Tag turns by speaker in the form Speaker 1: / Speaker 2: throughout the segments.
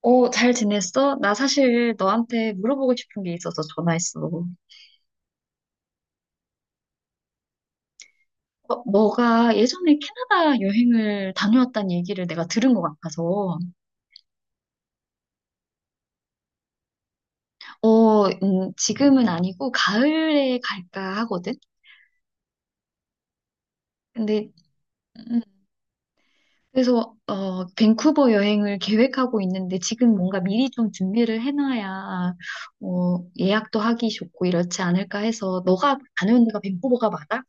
Speaker 1: 어, 잘 지냈어? 나 사실 너한테 물어보고 싶은 게 있어서 전화했어. 너가 예전에 캐나다 여행을 다녀왔다는 얘기를 내가 들은 것 같아서, 지금은 아니고 가을에 갈까 하거든? 근데, 음, 밴쿠버 여행을 계획하고 있는데 지금 뭔가 미리 좀 준비를 해놔야, 예약도 하기 좋고 이렇지 않을까 해서, 너가 다녀온 데가 밴쿠버가 맞아?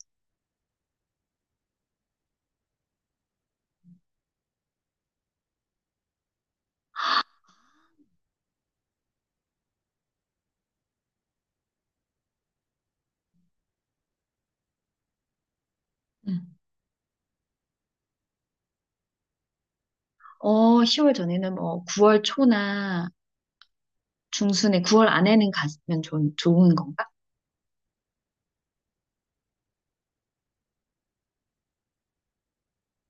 Speaker 1: 응. 10월 전에는 뭐 9월 초나 중순에 9월 안에는 가면 좋은 건가?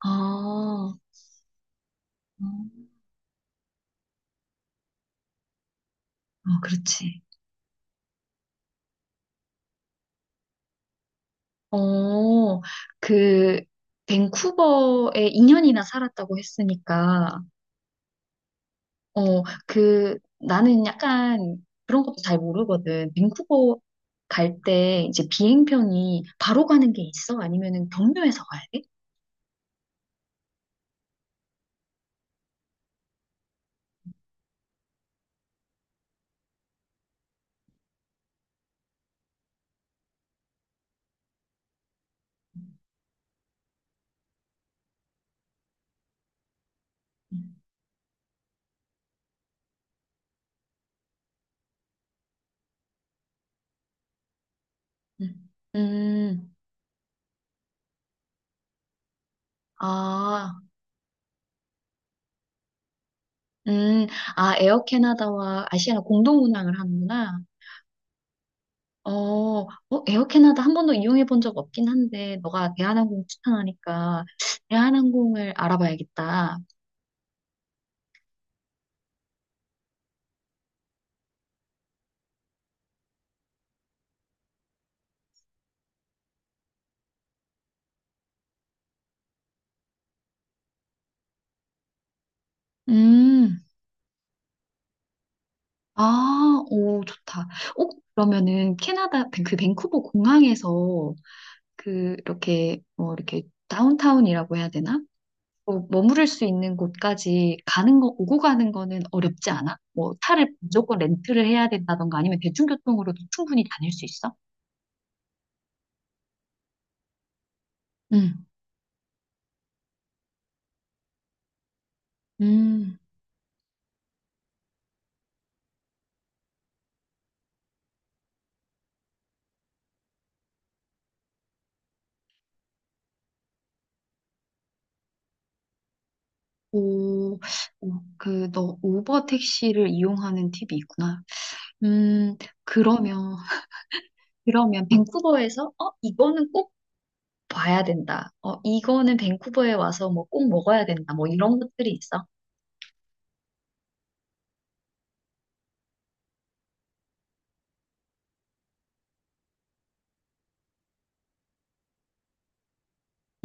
Speaker 1: 아, 음. 그렇지. 어, 그, 밴쿠버에 2년이나 살았다고 했으니까, 나는 약간 그런 것도 잘 모르거든. 밴쿠버 갈 때 이제 비행편이 바로 가는 게 있어? 아니면은 경유해서 가야 돼? 음, 음. 음, 아, 음, 에어 캐나다와 아시아나 공동 운항을 하는구나. 어, 어, 에어 캐나다 한 번도 이용해 본 적 없긴 한데, 너가 대한항공 추천하니까 대한항공을 알아봐야겠다. 음, 오, 좋다. 어, 그러면은 캐나다 그 밴쿠버 공항에서 그 이렇게 뭐 이렇게 다운타운이라고 해야 되나? 뭐 머무를 수 있는 곳까지 가는 거, 오고 가는 거는 어렵지 않아? 뭐 차를 무조건 렌트를 해야 된다던가 아니면 대중교통으로도 충분히 다닐 수 있어? 음, 음. 오, 오, 너 우버 택시를 이용하는 팁이 있구나. 음, 그러면, 그러면 밴쿠버에서, 이거는 꼭 봐야 된다. 이거는 밴쿠버에 와서 뭐 꼭 먹어야 된다. 뭐 이런 것들이 있어.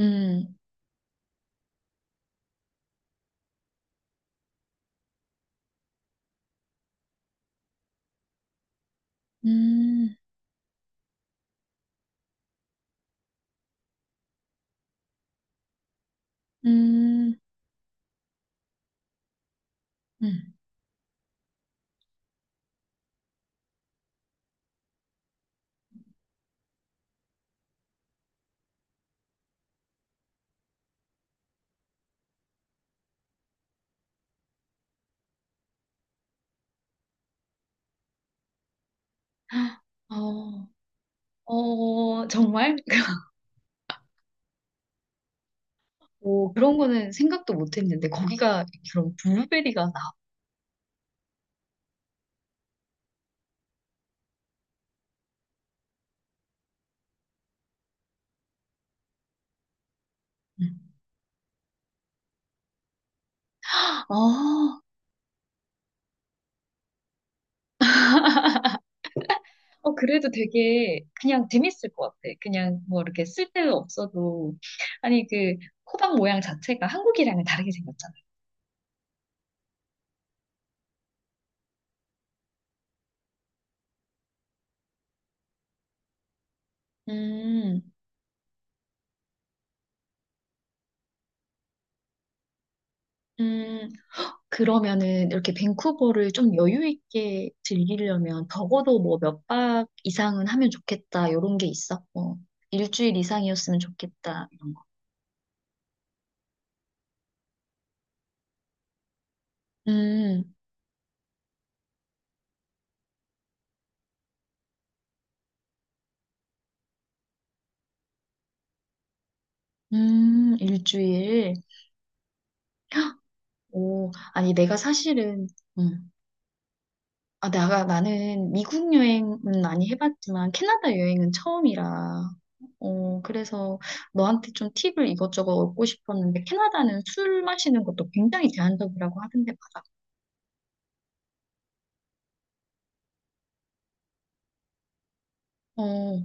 Speaker 1: 음, 음, 음, 음. 어, 어, 정말? 오, 그런 거는 생각도 못 했는데, 거기가 그런 블루베리가 나. 음. 아, 그래도 되게 그냥 재밌을 것 같아. 그냥 뭐 이렇게 쓸데없어도. 아니, 호박 모양 자체가 한국이랑은 다르게 생겼잖아. 음, 음, 그러면은 이렇게 밴쿠버를 좀 여유 있게 즐기려면 적어도 뭐 몇 박 이상은 하면 좋겠다. 이런 게 있어. 뭐 일주일 이상이었으면 좋겠다. 이런 거. 음, 일주일. 오, 아니, 음. 아, 나는 미국 여행은 많이 해봤지만 캐나다 여행은 처음이라, 그래서 너한테 좀 팁을 이것저것 얻고 싶었는데, 캐나다는 술 마시는 것도 굉장히 제한적이라고 하던데, 맞아. 어,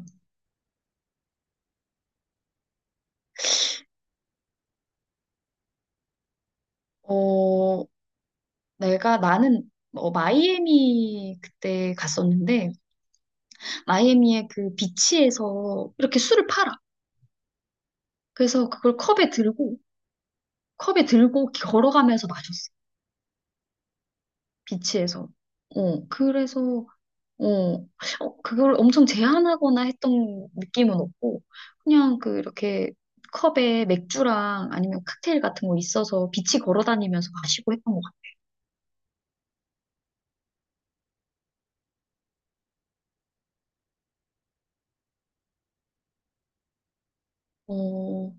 Speaker 1: 어, 나는, 마이애미 그때 갔었는데, 마이애미의 그 비치에서 이렇게 술을 팔아. 그래서 컵에 들고 걸어가면서 마셨어. 비치에서. 어, 그래서 어, 그걸 엄청 제한하거나 했던 느낌은 없고, 그냥 그 이렇게 컵에 맥주랑 아니면 칵테일 같은 거 있어서 빛이 걸어 다니면서 마시고 했던 것 같아요. 어,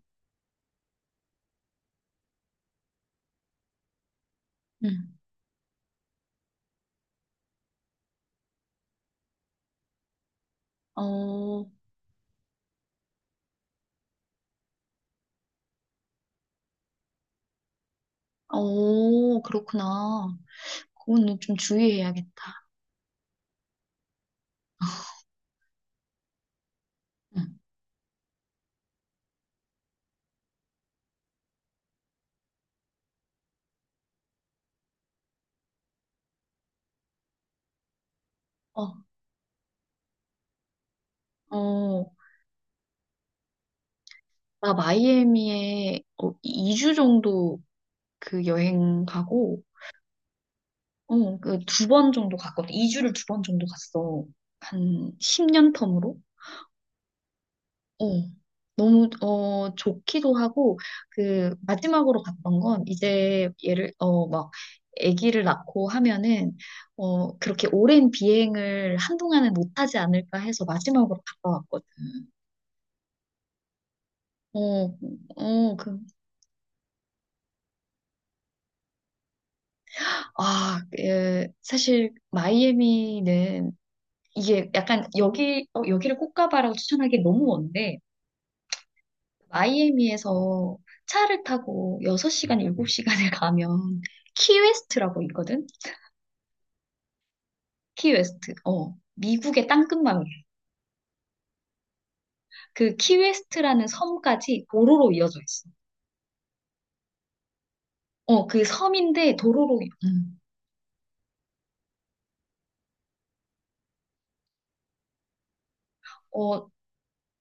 Speaker 1: 음, 어, 어, 그렇구나. 그거는 좀 주의해야겠다. 음, 어, 어, 나 마이애미에 2주 정도 그 여행 가고, 그 두 번 정도 갔거든. 2주를 두 번 정도 갔어. 한 10년 텀으로. 어, 너무, 좋기도 하고, 그, 마지막으로 갔던 건, 이제, 아기를 낳고 하면은, 그렇게 오랜 비행을 한동안은 못하지 않을까 해서 마지막으로 갔다 왔거든. 어, 어, 그, 아, 예, 사실, 마이애미는, 이게 약간, 여기를 꼭 가봐라고 추천하기 너무 먼데, 마이애미에서 차를 타고 6시간, 7시간을 가면, 키웨스트라고 있거든? 키웨스트. 어, 미국의 땅끝마을. 그 키웨스트라는 섬까지 도로로 이어져 있어. 그 섬인데 도로로, 음. 어,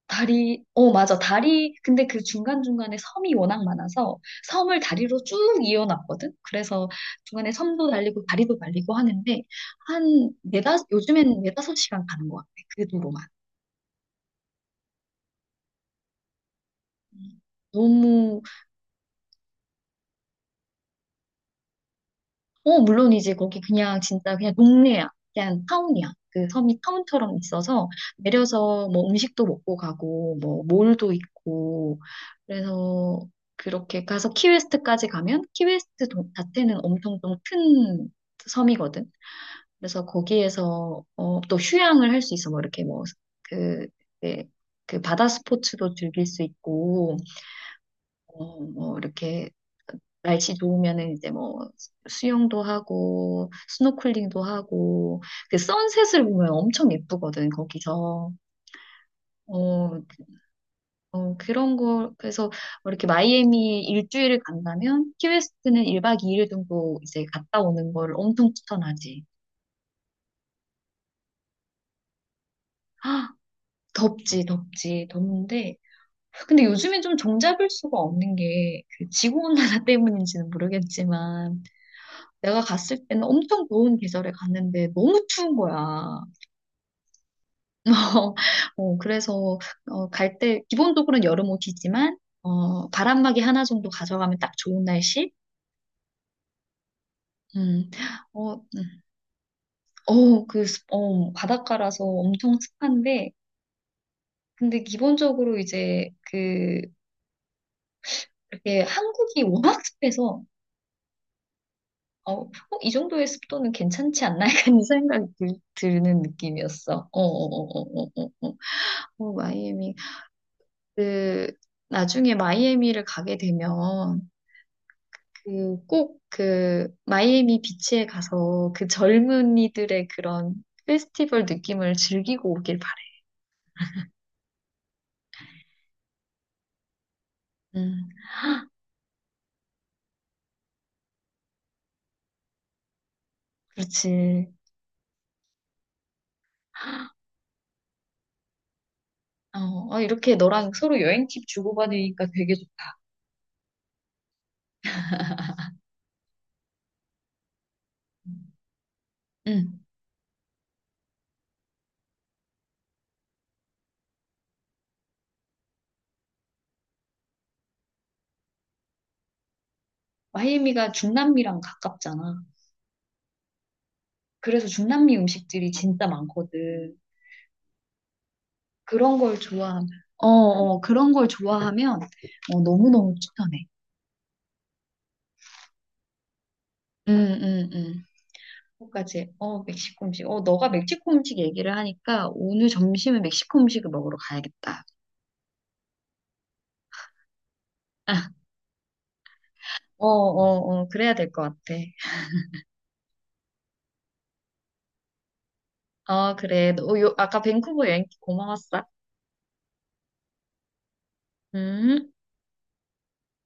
Speaker 1: 다리, 맞아. 다리, 근데 그 중간중간에 섬이 워낙 많아서 섬을 다리로 쭉 이어놨거든? 그래서 중간에 섬도 달리고 다리도 달리고 하는데, 한 요즘엔 네다섯 시간 가는 것 같아. 그 도로만. 음. 너무 어, 물론이지. 거기 그냥 진짜 그냥 동네야. 그냥 타운이야. 그 섬이 타운처럼 있어서 내려서 뭐 음식도 먹고 가고 뭐 몰도 있고 그래서 그렇게 가서 키웨스트까지 가면 자체는 엄청 좀 큰 섬이거든. 그래서 거기에서 또 휴양을 할 수 있어. 뭐 이렇게 그 네, 그 바다 스포츠도 즐길 수 있고 뭐 이렇게 날씨 좋으면은 이제 뭐 수영도 하고 스노클링도 하고 그 선셋을 보면 엄청 예쁘거든 거기서. 어, 어 그런 거 그래서 뭐 이렇게 마이애미 일주일을 간다면 키웨스트는 1박 2일 정도 이제 갔다 오는 걸 엄청 추천하지. 아 덥지 덥는데 근데 요즘엔 좀 정잡을 수가 없는 게 그 지구온난화 때문인지는 모르겠지만 내가 갔을 때는 엄청 더운 계절에 갔는데 너무 추운 거야. 그래서, 갈 때, 기본적으로는 여름 옷이지만, 바람막이 하나 정도 가져가면 딱 좋은 날씨? 음, 어, 음. 바닷가라서 엄청 습한데, 근데 기본적으로 이제, 그, 이렇게 한국이 워낙 습해서, 어, 어, 이 정도의 습도는 괜찮지 않나? 약간 이 생각이 드는 느낌이었어. 마이애미. 그, 나중에 마이애미를 가게 되면, 그 꼭 그 마이애미 비치에 가서 그 젊은이들의 그런 페스티벌 느낌을 즐기고 오길 바래. 음, 그렇지. 어, 어, 이렇게 너랑 서로 여행 팁 주고받으니까 되게 좋다. 응. 마이애미가 중남미랑 가깝잖아. 그래서 중남미 음식들이 진짜 많거든. 그런 걸 좋아하면, 그런 걸 좋아하면 너무너무 추천해. 응응응 멕시코 음식. 너가 멕시코 음식 얘기를 하니까 오늘 점심에 멕시코 음식을 먹으러 가야겠다. 아, 그래야 될 것 같아. 어, 그래. 너, 요, 아까 밴쿠버 여행 고마웠어. 음.